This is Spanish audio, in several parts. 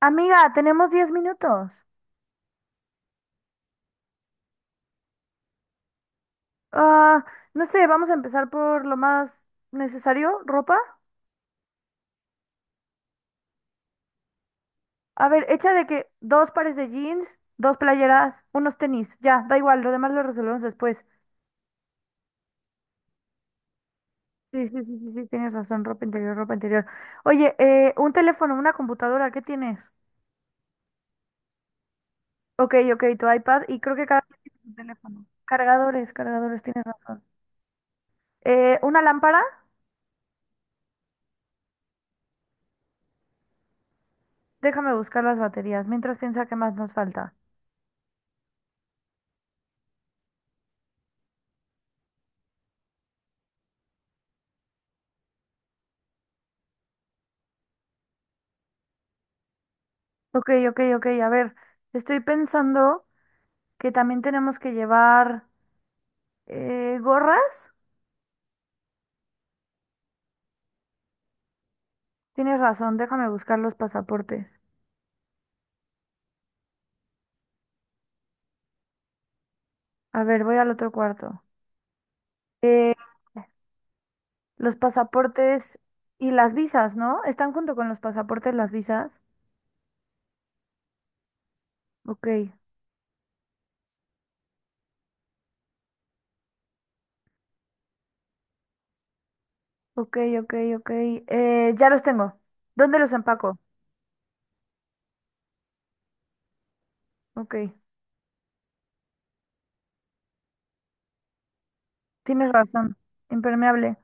Amiga, tenemos 10 minutos. Ah, no sé, vamos a empezar por lo más necesario, ropa. A ver, echa de que dos pares de jeans, dos playeras, unos tenis, ya, da igual, lo demás lo resolvemos después. Sí, sí, sí, sí, sí, tienes razón, ropa interior, ropa interior. Oye, un teléfono, una computadora, ¿qué tienes? Ok, ok, tu iPad y creo que cada quien tiene su teléfono. Cargadores, cargadores, tienes razón. Una lámpara, déjame buscar las baterías, mientras piensa qué más nos falta. Ok, ok, ok. A ver, estoy pensando que también tenemos que llevar gorras. Tienes razón, déjame buscar los pasaportes. A ver, voy al otro cuarto. Eh, los pasaportes y las visas, ¿no? ¿Están junto con los pasaportes las visas? Ok, ok, ok, ok. Ya los tengo. ¿Dónde los empaco? Ok, tienes razón. Impermeable.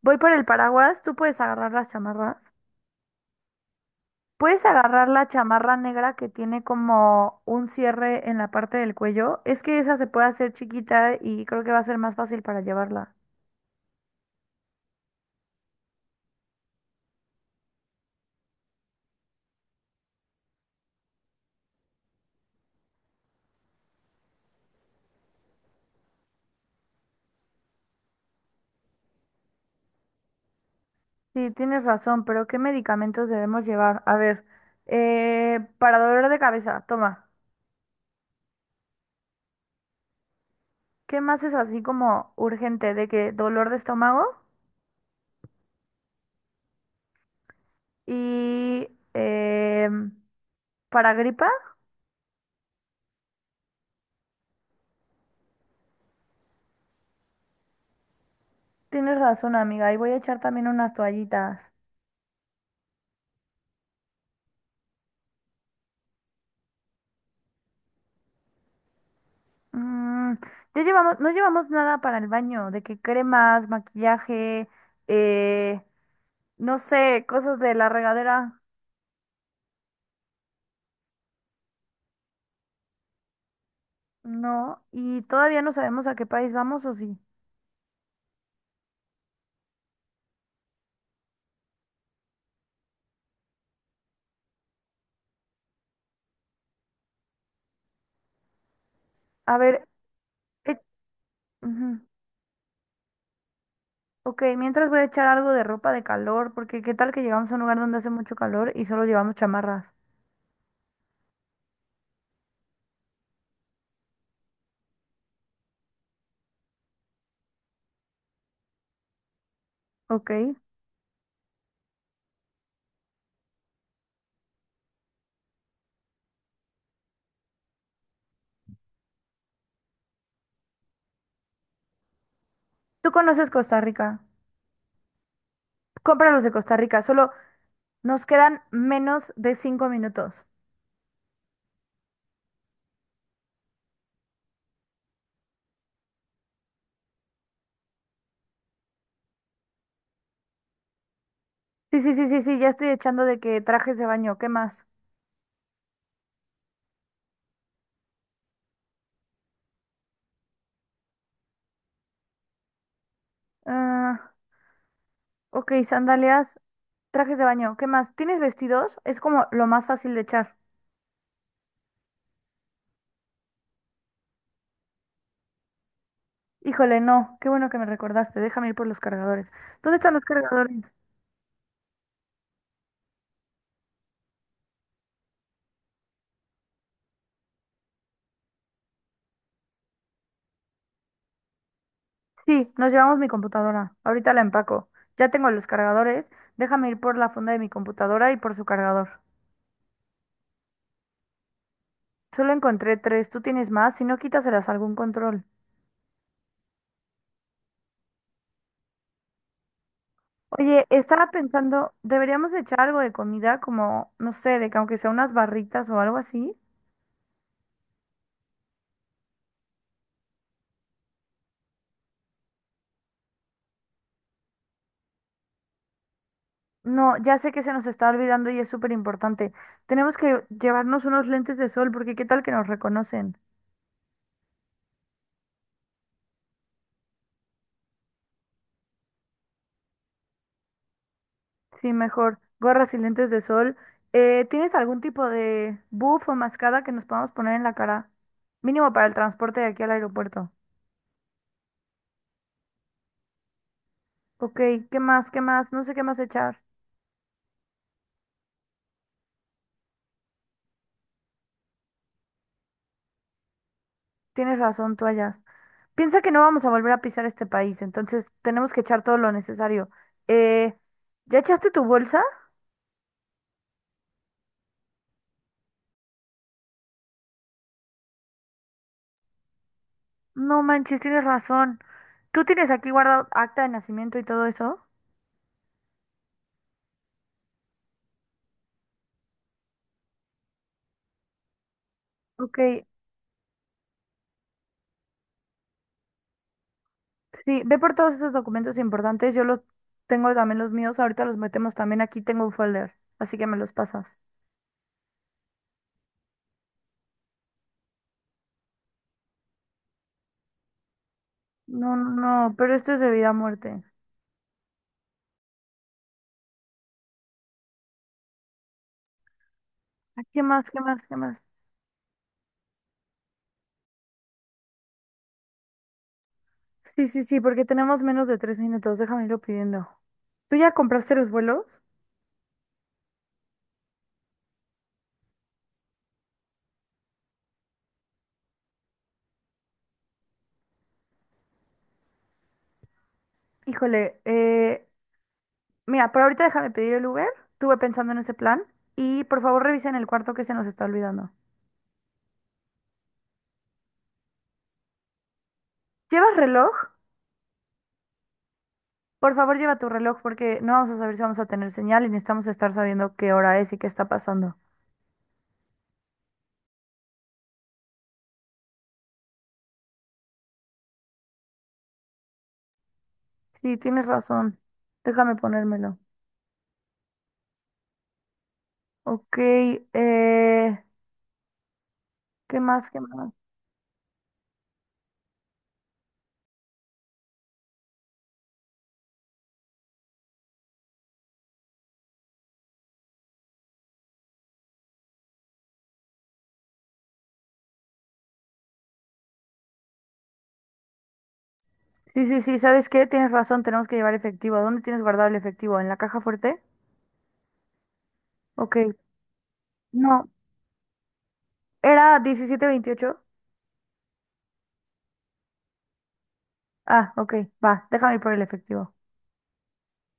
Voy por el paraguas. ¿Tú puedes agarrar las chamarras? Puedes agarrar la chamarra negra que tiene como un cierre en la parte del cuello. Es que esa se puede hacer chiquita y creo que va a ser más fácil para llevarla. Sí, tienes razón, pero ¿qué medicamentos debemos llevar? A ver, para dolor de cabeza, toma. ¿Qué más es así como urgente? ¿De que dolor de estómago? Y em, para gripa, tienes razón, amiga. Y voy a echar también unas toallitas. Mm, ya llevamos, no llevamos nada para el baño, de que cremas, maquillaje, eh, no sé, cosas de la regadera, no, y todavía no sabemos a qué país vamos o sí. A ver, eh, ujú, ok, mientras voy a echar algo de ropa de calor, porque qué tal que llegamos a un lugar donde hace mucho calor y solo llevamos chamarras, ok. Tú conoces Costa Rica, compra los de Costa Rica, solo nos quedan menos de 5 minutos. Sí, sí, sí, sí, sí, ya estoy echando de que trajes de baño, ¿qué más? Ah, ok, sandalias, trajes de baño. ¿Qué más? ¿Tienes vestidos? Es como lo más fácil de echar. Híjole, no. Qué bueno que me recordaste. Déjame ir por los cargadores. ¿Dónde están los cargadores? Sí, nos llevamos mi computadora. Ahorita la empaco. Ya tengo los cargadores. Déjame ir por la funda de mi computadora y por su cargador. Solo encontré tres. ¿Tú tienes más? Si no, quítaselas a algún control. Oye, estaba pensando, deberíamos de echar algo de comida, como, no sé, de que aunque sea unas barritas o algo así. No, ya sé que se nos está olvidando y es súper importante. Tenemos que llevarnos unos lentes de sol porque qué tal que nos reconocen. Sí, mejor. Gorras y lentes de sol. ¿Tienes algún tipo de buff o mascada que nos podamos poner en la cara? Mínimo para el transporte de aquí al aeropuerto. Ok, ¿qué más? ¿Qué más? No sé qué más echar. Tienes razón, toallas. Piensa que no vamos a volver a pisar este país, entonces tenemos que echar todo lo necesario. Eh, ¿ya echaste tu bolsa? No manches, tienes razón. ¿Tú tienes aquí guardado acta de nacimiento y todo eso? Ok, sí, ve por todos esos documentos importantes. Yo los tengo también los míos. Ahorita los metemos también. Aquí tengo un folder, así que me los pasas. No, no, no, pero esto es de vida a muerte. Ah, ¿qué más? ¿Qué más? ¿Qué más? Sí, sí, sí, porque tenemos menos de 3 minutos. Déjame irlo pidiendo. ¿Tú ya compraste los vuelos? Híjole, mira, por ahorita déjame pedir el Uber. Estuve pensando en ese plan. Y por favor revisen el cuarto que se nos está olvidando. ¿Llevas reloj? Por favor, lleva tu reloj porque no vamos a saber si vamos a tener señal y necesitamos estar sabiendo qué hora es y qué está pasando. Sí, tienes razón. Déjame ponérmelo. Ok, eh, ¿qué más? ¿Qué más? Sí, sí, sí, ¿sabes qué? Tienes razón, tenemos que llevar efectivo. ¿Dónde tienes guardado el efectivo? ¿En la caja fuerte? Ok, no, era 17-28. Ah, ok, va, déjame ir por el efectivo.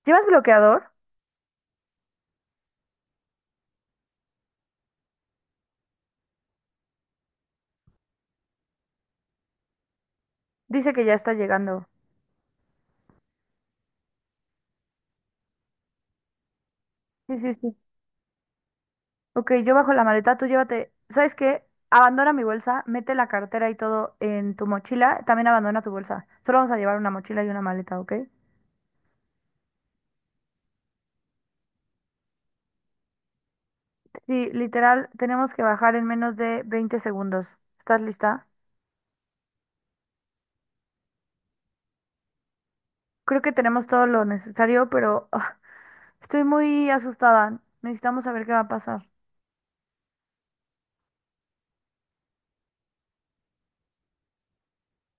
¿Llevas bloqueador? Dice que ya está llegando. Sí, sí, sí. Ok, yo bajo la maleta, tú llévate. ¿Sabes qué? Abandona mi bolsa, mete la cartera y todo en tu mochila. También abandona tu bolsa. Solo vamos a llevar una mochila y una maleta, ¿ok? Sí, literal, tenemos que bajar en menos de 20 segundos. ¿Estás lista? Creo que tenemos todo lo necesario, pero estoy muy asustada. Necesitamos saber qué va a pasar.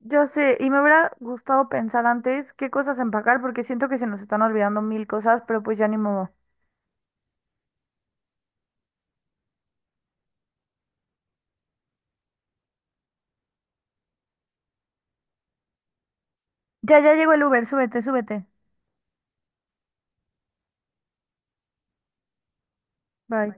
Yo sé, y me hubiera gustado pensar antes qué cosas empacar, porque siento que se nos están olvidando mil cosas, pero pues ya ni modo. Ya, ya llegó el Uber, súbete, súbete. Bye.